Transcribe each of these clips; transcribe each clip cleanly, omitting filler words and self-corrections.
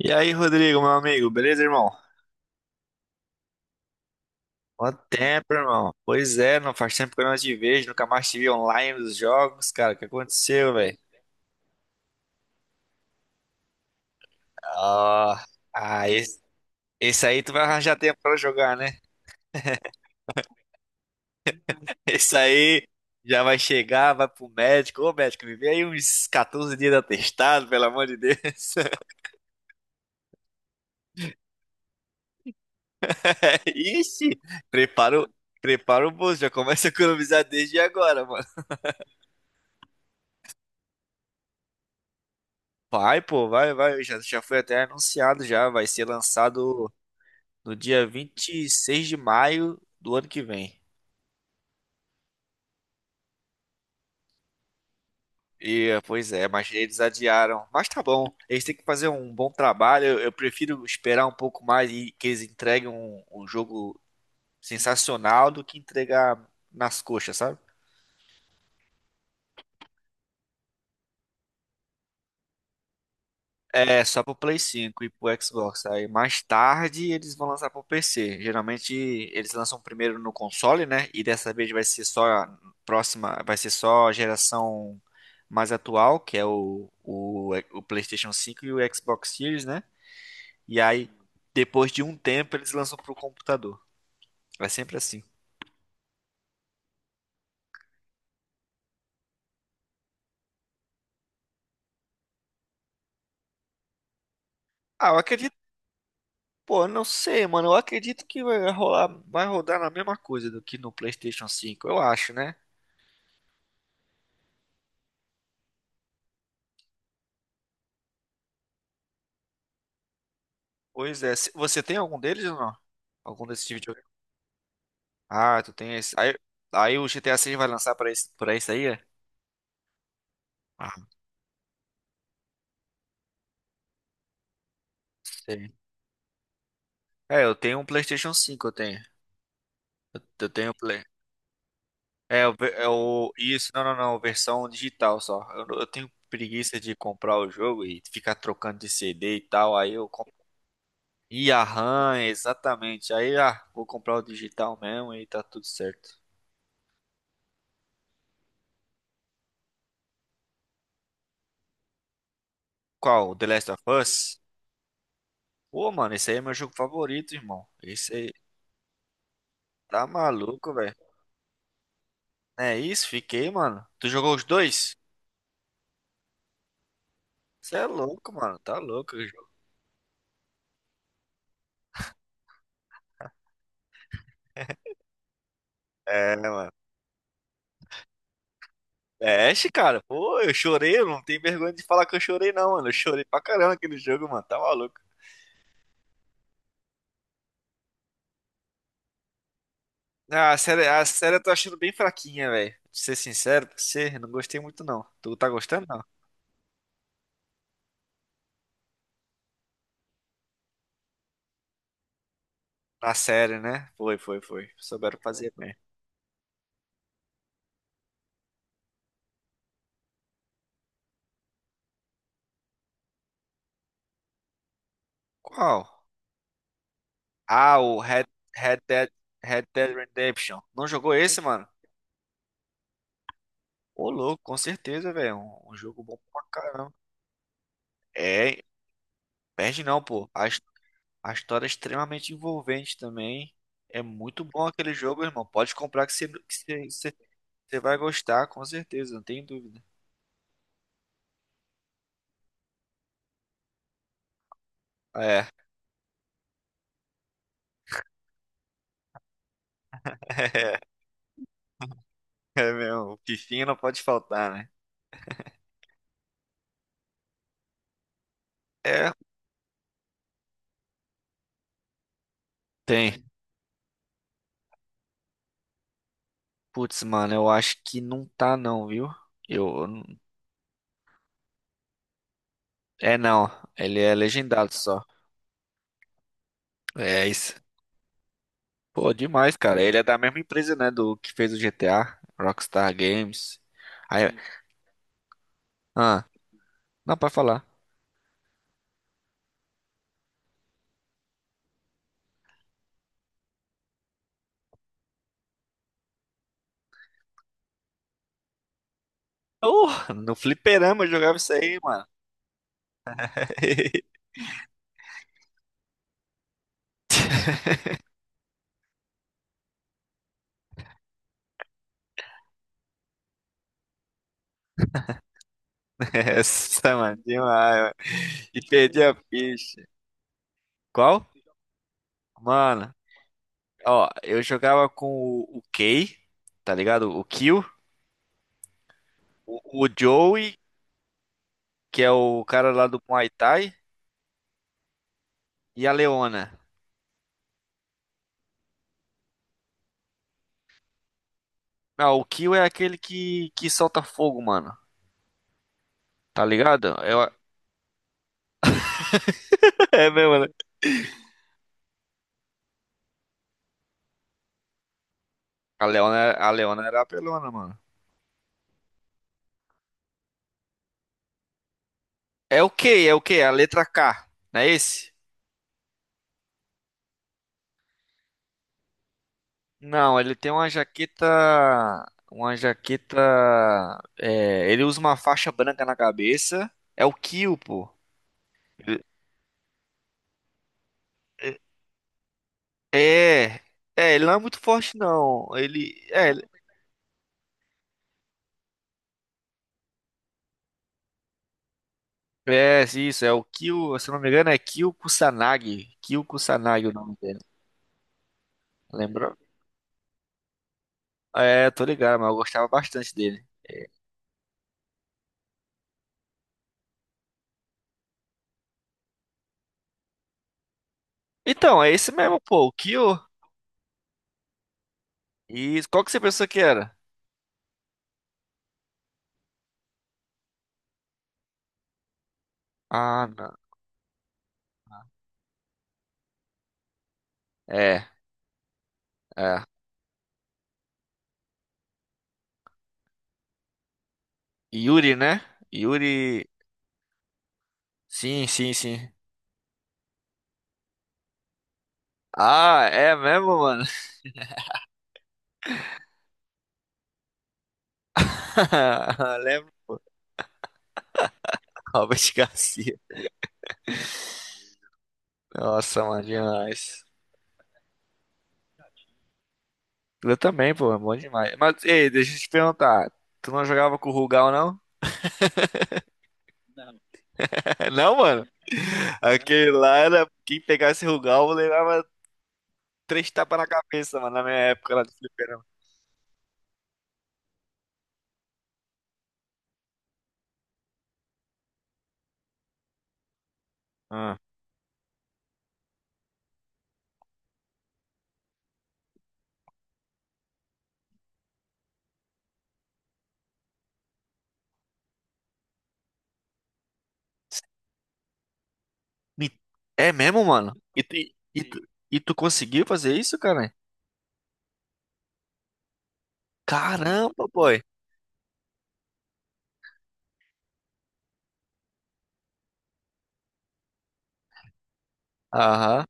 E aí, Rodrigo, meu amigo, beleza, irmão? Quanto tempo, irmão? Pois é, não faz tempo que eu não te vejo, nunca mais te vi online nos jogos, cara. O que aconteceu, velho? Ah, ah, esse aí tu vai arranjar tempo pra jogar, né? Esse aí já vai chegar, vai pro médico. Ô, médico, me vê aí uns 14 dias de atestado, pelo amor de Deus. Ixi, prepara o, prepara o bolso, já começa a economizar desde agora, mano. Vai, pô, vai, vai. Já foi até anunciado, já vai ser lançado. No dia 26 de maio do ano que vem. Pois é, mas eles adiaram. Mas tá bom, eles têm que fazer um bom trabalho. Eu prefiro esperar um pouco mais e que eles entreguem um jogo sensacional do que entregar nas coxas, sabe? É, só pro Play 5 e pro Xbox. Aí mais tarde eles vão lançar pro PC. Geralmente eles lançam primeiro no console, né? E dessa vez vai ser só a geração mais atual, que é o PlayStation 5 e o Xbox Series, né? E aí depois de um tempo eles lançam pro computador. É sempre assim. Ah, eu acredito, pô, eu não sei, mano. Eu acredito que vai rodar na mesma coisa do que no PlayStation 5, eu acho, né? Pois é, você tem algum deles ou não? Algum desses de videogame? Ah, tu tem esse. Aí, o GTA 6 vai lançar pra esse aí? É? Ah, sei. É, eu tenho um PlayStation 5 eu tenho. Eu tenho o Play. É, o, ver- é o. Isso, não, não, não, versão digital só. Eu, não- eu tenho preguiça de comprar o jogo e ficar trocando de CD e tal. Aí eu compro. E a RAM, exatamente. Aí, vou comprar o digital mesmo e tá tudo certo. Qual? O The Last of Us? Pô, mano, esse aí é meu jogo favorito, irmão. Esse Tá maluco, velho. É isso, fiquei, mano. Tu jogou os dois? Você é louco, mano. Tá louco o jogo. É, mano. Mexe, cara. Pô, eu chorei. Eu não tenho vergonha de falar que eu chorei, não, mano. Eu chorei pra caramba aquele jogo, mano. Tá maluco. Ah, a série eu tô achando bem fraquinha, velho. Pra ser sincero pra você, eu não gostei muito, não. Tu tá gostando, não? A série, né? Foi, foi, foi. Souberam fazer bem. Qual? Ah, o Red, Red Dead, Red Dead Redemption. Não jogou esse, mano? Ô, louco, com certeza, velho. Um jogo bom pra caramba. É, perde não, pô. A história é extremamente envolvente também. É muito bom aquele jogo, irmão. Pode comprar que você vai gostar, com certeza, não tem dúvida. É, é mesmo. O Fifinha não pode faltar, né? É, tem. Putz, mano, eu acho que não tá não, viu? Eu não- É não, ele é legendado só. É isso. Pô, demais, cara. Ele é da mesma empresa, né, do que fez o GTA, Rockstar Games. Aí, ah, não, pode falar. No fliperama eu jogava isso aí, mano. Essa, mano, demais, mano. E perdi a ficha. Qual? Mano, ó, eu jogava com o Kay, tá ligado? O Kill, o Joey, que é o cara lá do Muay Thai, e a Leona. Não, o Kill é aquele que solta fogo, mano. Tá ligado? É mesmo, a Leona era apelona, mano. É o quê? É o quê? A letra K. Não é esse? Não, ele tem uma jaqueta. Uma jaqueta. É, ele usa uma faixa branca na cabeça. É o Kill, pô. Ele- É. É, ele não é muito forte, não. Ele. É isso. É o Kill. Se eu não me engano, é Kill Kusanagi. Kill Kusanagi o nome dele. Lembrou? É, tô ligado, mas eu gostava bastante dele. Então, é esse mesmo, pô. O Kill. E qual que você pensou que era? Ah, não. É, é. Yuri, né? Yuri. Sim, sim, sim. Ah, é mesmo, mano? Lembro. Robert Garcia. Nossa, mano, demais. Eu também, pô, é bom demais. Mas, ei, deixa eu te perguntar. Tu não jogava com o Rugal, não? Não, mano? Aquele lá era. Quem pegasse Rugal levava três tapas na cabeça, mano, na minha época lá de fliperama. Ah. Me- É mesmo, mano? E tu conseguiu fazer isso, cara? Caramba, boy. Aham.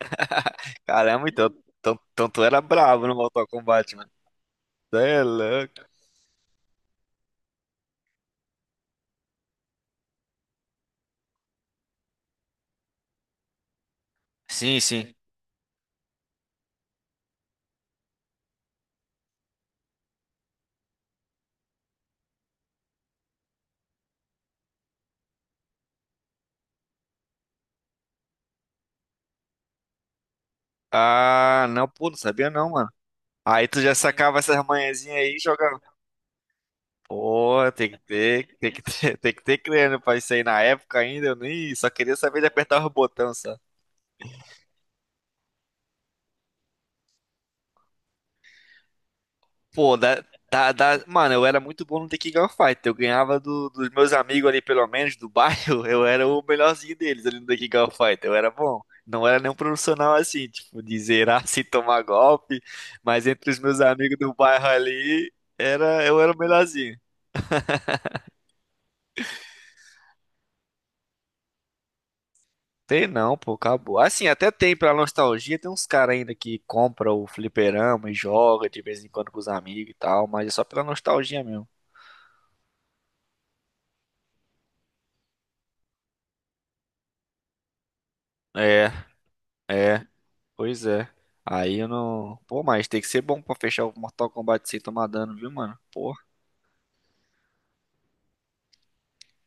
Caramba, então tu era bravo no Mortal Kombat, mano. Cê é louco. Sim, sim. Ah, não, pô, não sabia não, mano. Aí tu já sacava essas manhãzinhas aí e jogava. Pô, tem que ter, tem que ter crânio pra isso aí na época ainda. Eu nem só queria saber de apertar os botões. Pô, mano, eu era muito bom no Tekken Gunfighter. Eu ganhava dos meus amigos ali, pelo menos, do bairro. Eu era o melhorzinho deles ali no Tekken Gunfighter. Eu era bom. Não era nenhum profissional assim, tipo, de zerar sem tomar golpe. Mas entre os meus amigos do bairro ali, eu era o melhorzinho. Tem não, pô, acabou. Assim, até tem pra nostalgia, tem uns caras ainda que compra o fliperama e joga de vez em quando com os amigos e tal, mas é só pela nostalgia mesmo. É, é. Pois é. Aí eu não. Pô, mas tem que ser bom pra fechar o Mortal Kombat sem tomar dano, viu, mano? Pô,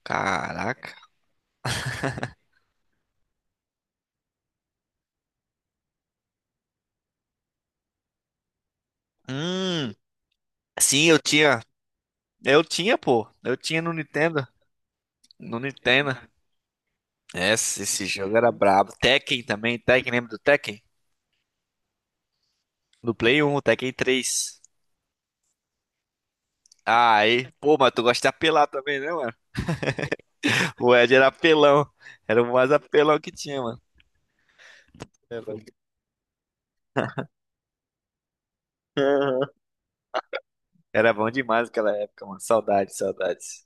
caraca. Hum, sim, eu tinha. Eu tinha, pô. Eu tinha no Nintendo. No Nintendo. Esse jogo era brabo. Tekken também. Tekken, lembra do Tekken? No Play 1, o Tekken 3. Aí. Pô, mas tu gosta de apelar também, né, mano? O Ed era apelão. Era o mais apelão que tinha, mano. Era Era bom demais aquela época, mano. Saudades, saudades.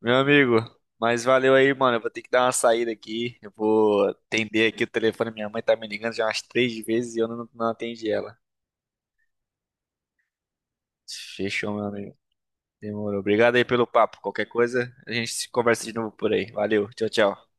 Meu amigo, mas valeu aí, mano. Eu vou ter que dar uma saída aqui. Eu vou atender aqui o telefone. Minha mãe tá me ligando já umas três vezes e eu não atendi ela. Fechou, meu amigo. Demorou. Obrigado aí pelo papo. Qualquer coisa, a gente se conversa de novo por aí. Valeu. Tchau, tchau.